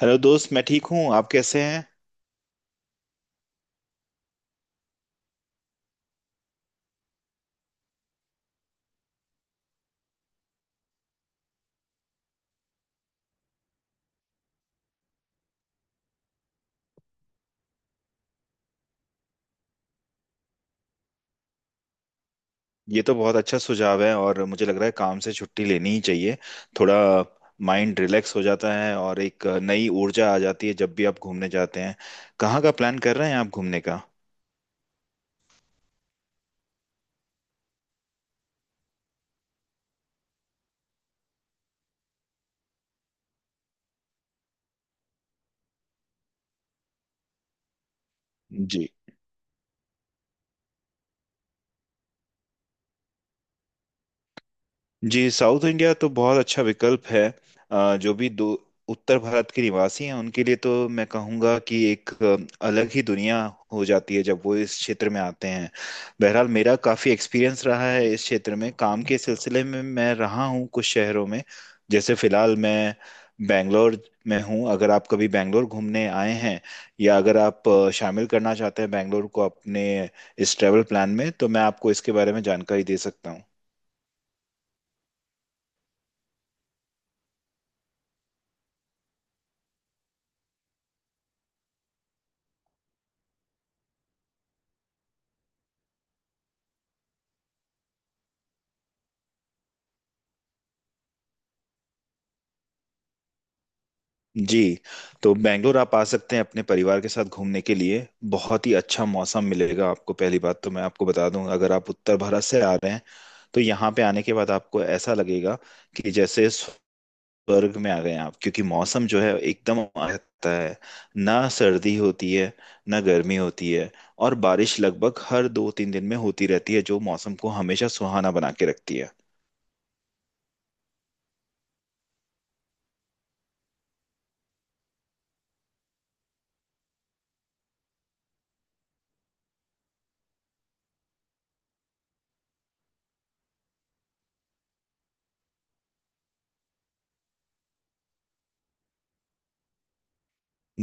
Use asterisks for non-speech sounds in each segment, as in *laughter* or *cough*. Hello दोस्त, मैं ठीक हूँ। आप कैसे हैं? ये तो बहुत अच्छा सुझाव है और मुझे लग रहा है काम से छुट्टी लेनी ही चाहिए। थोड़ा माइंड रिलैक्स हो जाता है और एक नई ऊर्जा आ जाती है जब भी आप घूमने जाते हैं। कहाँ का प्लान कर रहे हैं आप घूमने का? जी। जी, साउथ इंडिया तो बहुत अच्छा विकल्प है। जो भी दो उत्तर भारत के निवासी हैं उनके लिए तो मैं कहूँगा कि एक अलग ही दुनिया हो जाती है जब वो इस क्षेत्र में आते हैं। बहरहाल मेरा काफ़ी एक्सपीरियंस रहा है, इस क्षेत्र में काम के सिलसिले में मैं रहा हूँ कुछ शहरों में। जैसे फ़िलहाल मैं बैंगलोर में हूँ। अगर आप कभी बैंगलोर घूमने आए हैं या अगर आप शामिल करना चाहते हैं बैंगलोर को अपने इस ट्रैवल प्लान में, तो मैं आपको इसके बारे में जानकारी दे सकता हूँ। जी। तो बेंगलोर आप आ सकते हैं अपने परिवार के साथ घूमने के लिए। बहुत ही अच्छा मौसम मिलेगा आपको। पहली बात तो मैं आपको बता दूं, अगर आप उत्तर भारत से आ रहे हैं तो यहाँ पे आने के बाद आपको ऐसा लगेगा कि जैसे स्वर्ग में आ गए हैं आप, क्योंकि मौसम जो है एकदम आता है। ना सर्दी होती है, ना गर्मी होती है, और बारिश लगभग हर 2 3 दिन में होती रहती है जो मौसम को हमेशा सुहाना बना के रखती है।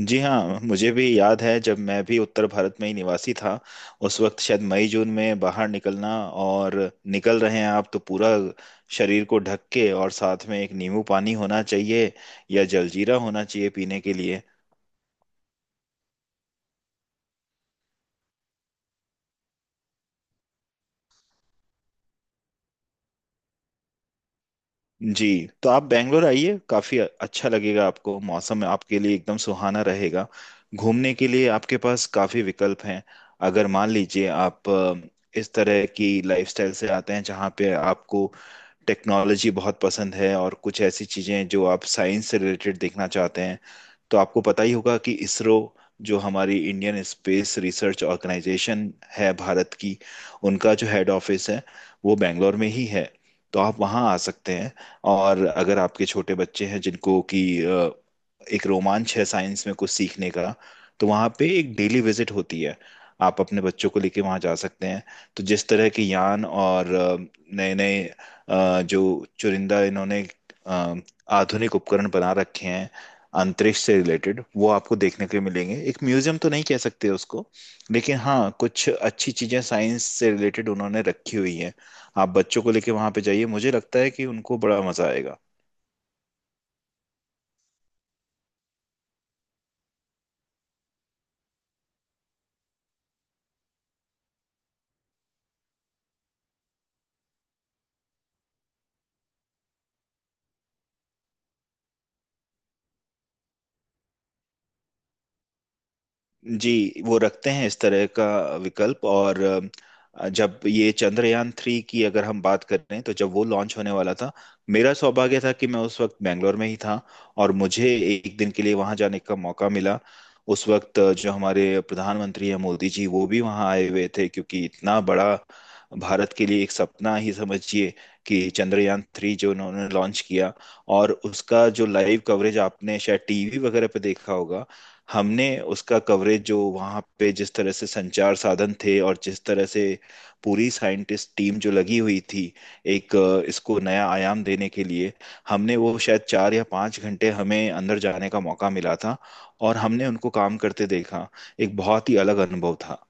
जी हाँ, मुझे भी याद है जब मैं भी उत्तर भारत में ही निवासी था। उस वक्त शायद मई जून में बाहर निकलना, और निकल रहे हैं आप तो पूरा शरीर को ढक के, और साथ में एक नींबू पानी होना चाहिए या जलजीरा होना चाहिए पीने के लिए। जी, तो आप बैंगलोर आइए, काफी अच्छा लगेगा आपको। मौसम आपके लिए एकदम सुहाना रहेगा। घूमने के लिए आपके पास काफी विकल्प हैं। अगर मान लीजिए आप इस तरह की लाइफस्टाइल से आते हैं जहाँ पे आपको टेक्नोलॉजी बहुत पसंद है और कुछ ऐसी चीजें जो आप साइंस से रिलेटेड देखना चाहते हैं, तो आपको पता ही होगा कि इसरो जो हमारी इंडियन स्पेस रिसर्च ऑर्गेनाइजेशन है भारत की, उनका जो हेड ऑफिस है वो बैंगलोर में ही है। तो आप वहाँ आ सकते हैं। और अगर आपके छोटे बच्चे हैं जिनको कि एक रोमांच है साइंस में कुछ सीखने का, तो वहाँ पे एक डेली विजिट होती है, आप अपने बच्चों को लेके वहाँ जा सकते हैं। तो जिस तरह के यान और नए नए जो चुरिंदा इन्होंने अ, आधुनिक उपकरण बना रखे हैं अंतरिक्ष से रिलेटेड, वो आपको देखने के लिए मिलेंगे। एक म्यूजियम तो नहीं कह सकते उसको, लेकिन हाँ कुछ अच्छी चीजें साइंस से रिलेटेड उन्होंने रखी हुई हैं। आप बच्चों को लेके वहां पे जाइए, मुझे लगता है कि उनको बड़ा मजा आएगा। जी, वो रखते हैं इस तरह का विकल्प। और जब ये चंद्रयान 3 की अगर हम बात करें, तो जब वो लॉन्च होने वाला था, मेरा सौभाग्य था कि मैं उस वक्त बैंगलोर में ही था और मुझे एक दिन के लिए वहां जाने का मौका मिला। उस वक्त जो हमारे प्रधानमंत्री हैं मोदी जी वो भी वहां आए हुए थे, क्योंकि इतना बड़ा भारत के लिए एक सपना ही समझिए कि चंद्रयान 3 जो उन्होंने लॉन्च किया। और उसका जो लाइव कवरेज आपने शायद टीवी वगैरह पे देखा होगा, हमने उसका कवरेज जो वहाँ पे जिस तरह से संचार साधन थे और जिस तरह से पूरी साइंटिस्ट टीम जो लगी हुई थी एक इसको नया आयाम देने के लिए, हमने वो शायद 4 या 5 घंटे हमें अंदर जाने का मौका मिला था और हमने उनको काम करते देखा। एक बहुत ही अलग अनुभव था।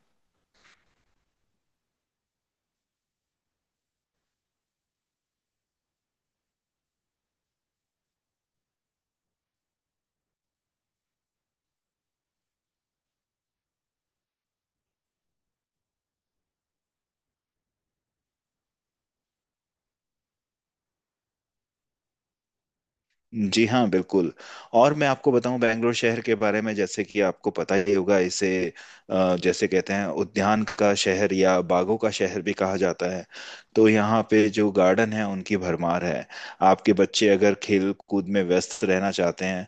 जी हाँ बिल्कुल। और मैं आपको बताऊं बेंगलोर शहर के बारे में, जैसे कि आपको पता ही होगा इसे जैसे कहते हैं उद्यान का शहर या बागों का शहर भी कहा जाता है। तो यहाँ पे जो गार्डन है उनकी भरमार है। आपके बच्चे अगर खेल कूद में व्यस्त रहना चाहते हैं,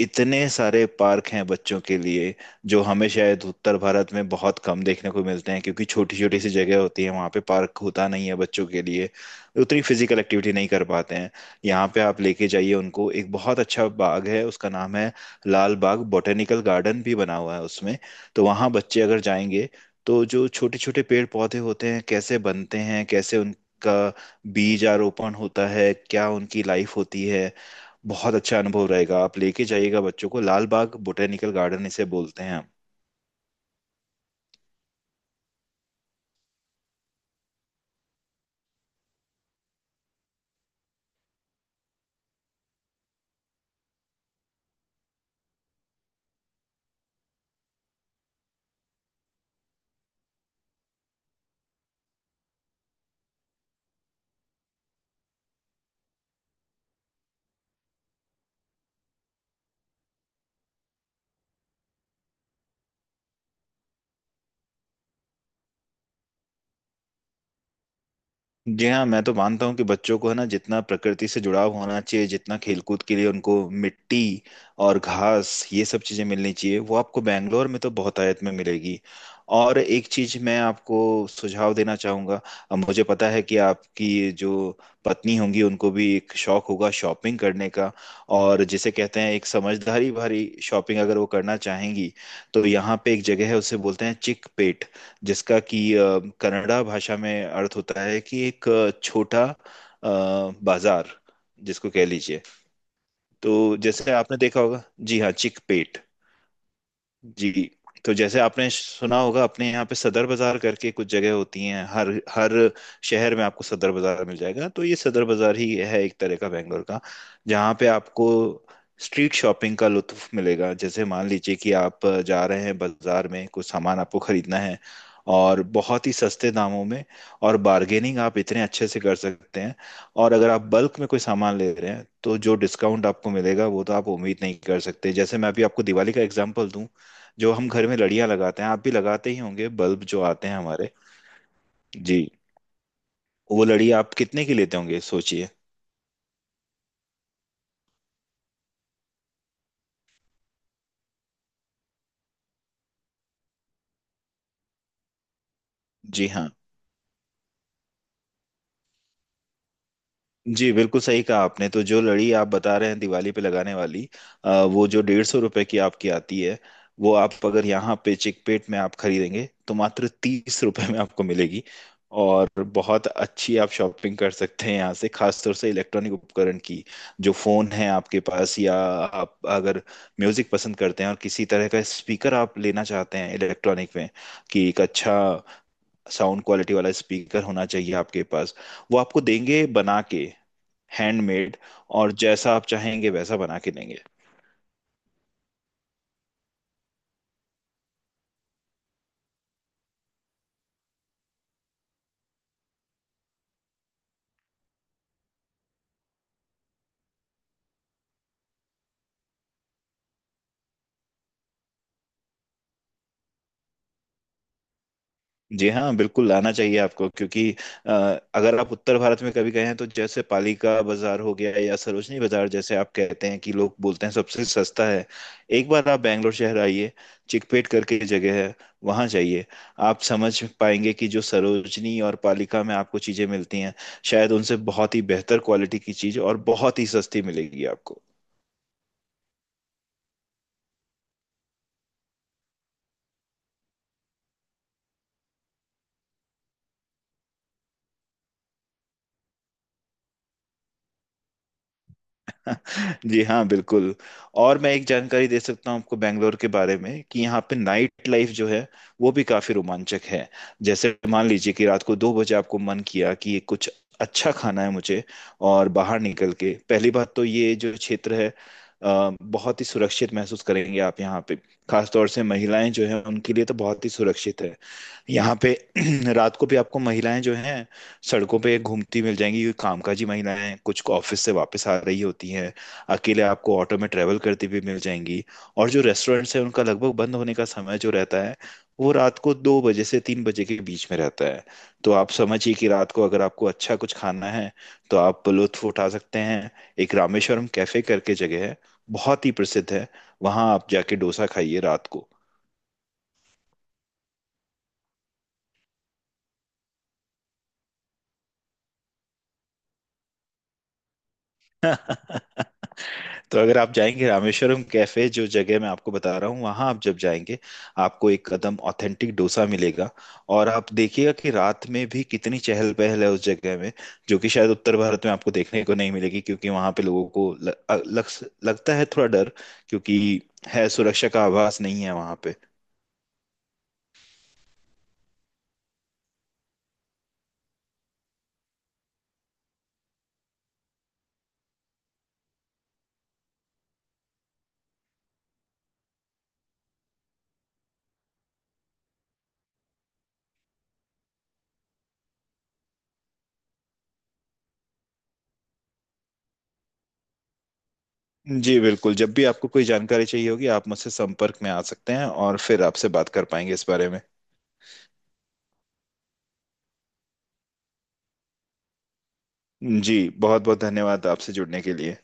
इतने सारे पार्क हैं बच्चों के लिए, जो हमें शायद उत्तर भारत में बहुत कम देखने को मिलते हैं, क्योंकि छोटी छोटी सी जगह होती है वहाँ पे पार्क होता नहीं है बच्चों के लिए, उतनी फिजिकल एक्टिविटी नहीं कर पाते हैं। यहाँ पे आप लेके जाइए उनको, एक बहुत अच्छा बाग है, उसका नाम है लाल बाग, बॉटेनिकल गार्डन भी बना हुआ है उसमें। तो वहाँ बच्चे अगर जाएंगे, तो जो छोटे छोटे पेड़ पौधे होते हैं कैसे बनते हैं, कैसे उनका बीज आरोपण होता है, क्या उनकी लाइफ होती है, बहुत अच्छा अनुभव रहेगा। आप लेके जाइएगा बच्चों को, लाल बाग बॉटेनिकल गार्डन इसे बोलते हैं। जी हाँ, मैं तो मानता हूँ कि बच्चों को है ना जितना प्रकृति से जुड़ाव होना चाहिए, जितना खेलकूद के लिए उनको मिट्टी और घास ये सब चीज़ें मिलनी चाहिए, वो आपको बैंगलोर में तो बहुतायत में मिलेगी। और एक चीज़ मैं आपको सुझाव देना चाहूँगा। अब मुझे पता है कि आपकी जो पत्नी होंगी उनको भी एक शौक होगा शॉपिंग करने का, और जिसे कहते हैं एक समझदारी भरी शॉपिंग अगर वो करना चाहेंगी, तो यहाँ पे एक जगह है उसे बोलते हैं चिक पेट, जिसका कि कन्नड़ा भाषा में अर्थ होता है कि एक छोटा अ, बाजार जिसको कह लीजिए। तो जैसे आपने देखा होगा, जी हाँ, चिकपेट। जी। तो जैसे आपने सुना होगा अपने यहाँ पे सदर बाजार करके कुछ जगह होती हैं, हर हर शहर में आपको सदर बाजार मिल जाएगा। तो ये सदर बाजार ही है एक तरह का बैंगलोर का, जहाँ पे आपको स्ट्रीट शॉपिंग का लुत्फ मिलेगा। जैसे मान लीजिए कि आप जा रहे हैं बाजार में, कुछ सामान आपको खरीदना है, और बहुत ही सस्ते दामों में। और बार्गेनिंग आप इतने अच्छे से कर सकते हैं। और अगर आप बल्क में कोई सामान ले रहे हैं तो जो डिस्काउंट आपको मिलेगा वो तो आप उम्मीद नहीं कर सकते। जैसे मैं अभी आपको दिवाली का एग्जांपल दूं, जो हम घर में लड़ियां लगाते हैं आप भी लगाते ही होंगे, बल्ब जो आते हैं हमारे। जी, वो लड़ी आप कितने की लेते होंगे सोचिए। जी हाँ। जी बिल्कुल सही कहा आपने। तो जो लड़ी आप बता रहे हैं दिवाली पे लगाने वाली, वो जो 150 रुपए की आपकी आती है, वो आप अगर यहाँ पे चिकपेट में आप खरीदेंगे तो मात्र 30 रुपए में आपको मिलेगी। और बहुत अच्छी आप शॉपिंग कर सकते हैं यहाँ से, खासतौर से इलेक्ट्रॉनिक उपकरण की। जो फोन है आपके पास, या आप अगर म्यूजिक पसंद करते हैं और किसी तरह का स्पीकर आप लेना चाहते हैं इलेक्ट्रॉनिक में, कि एक अच्छा साउंड क्वालिटी वाला स्पीकर होना चाहिए आपके पास, वो आपको देंगे बना के, हैंडमेड। और जैसा आप चाहेंगे वैसा बना के देंगे। जी हाँ बिल्कुल, लाना चाहिए आपको। क्योंकि अ, अगर आप उत्तर भारत में कभी गए हैं तो जैसे पालिका बाजार हो गया या सरोजनी बाजार, जैसे आप कहते हैं कि लोग बोलते हैं सबसे सस्ता है। एक बार आप बैंगलोर शहर आइए, चिकपेट करके एक जगह है, वहाँ जाइए। आप समझ पाएंगे कि जो सरोजनी और पालिका में आपको चीज़ें मिलती हैं, शायद उनसे बहुत ही बेहतर क्वालिटी की चीज़ और बहुत ही सस्ती मिलेगी आपको। *laughs* जी हाँ बिल्कुल। और मैं एक जानकारी दे सकता हूँ आपको बेंगलोर के बारे में, कि यहाँ पे नाइट लाइफ जो है, वो भी काफी रोमांचक है। जैसे मान लीजिए कि रात को 2 बजे आपको मन किया कि कुछ अच्छा खाना है मुझे, और बाहर निकल के। पहली बात तो ये जो क्षेत्र है, बहुत ही सुरक्षित महसूस करेंगे आप यहाँ पे। खासतौर से महिलाएं जो है उनके लिए तो बहुत ही सुरक्षित है यहाँ पे। *clears throat* रात को भी आपको महिलाएं जो हैं सड़कों पे घूमती मिल जाएंगी, क्योंकि कामकाजी महिलाएं कुछ को ऑफिस से वापस आ रही होती हैं, अकेले आपको ऑटो में ट्रेवल करती भी मिल जाएंगी। और जो रेस्टोरेंट्स हैं उनका लगभग बंद होने का समय जो रहता है, वो रात को 2 बजे से 3 बजे के बीच में रहता है। तो आप समझिए कि रात को अगर आपको अच्छा कुछ खाना है तो आप लुत्फ उठा सकते हैं। एक रामेश्वरम कैफे करके जगह है, बहुत ही प्रसिद्ध है। वहां आप जाके डोसा खाइए रात को। *laughs* तो अगर आप जाएंगे रामेश्वरम कैफे जो जगह मैं आपको बता रहा हूँ, वहां आप जब जाएंगे आपको एक कदम ऑथेंटिक डोसा मिलेगा। और आप देखिएगा कि रात में भी कितनी चहल पहल है उस जगह में, जो कि शायद उत्तर भारत में आपको देखने को नहीं मिलेगी, क्योंकि वहां पे लोगों को लगता है थोड़ा डर, क्योंकि है सुरक्षा का आभास नहीं है वहां पे। जी बिल्कुल, जब भी आपको कोई जानकारी चाहिए होगी आप मुझसे संपर्क में आ सकते हैं, और फिर आपसे बात कर पाएंगे इस बारे में। जी, बहुत बहुत धन्यवाद आपसे जुड़ने के लिए।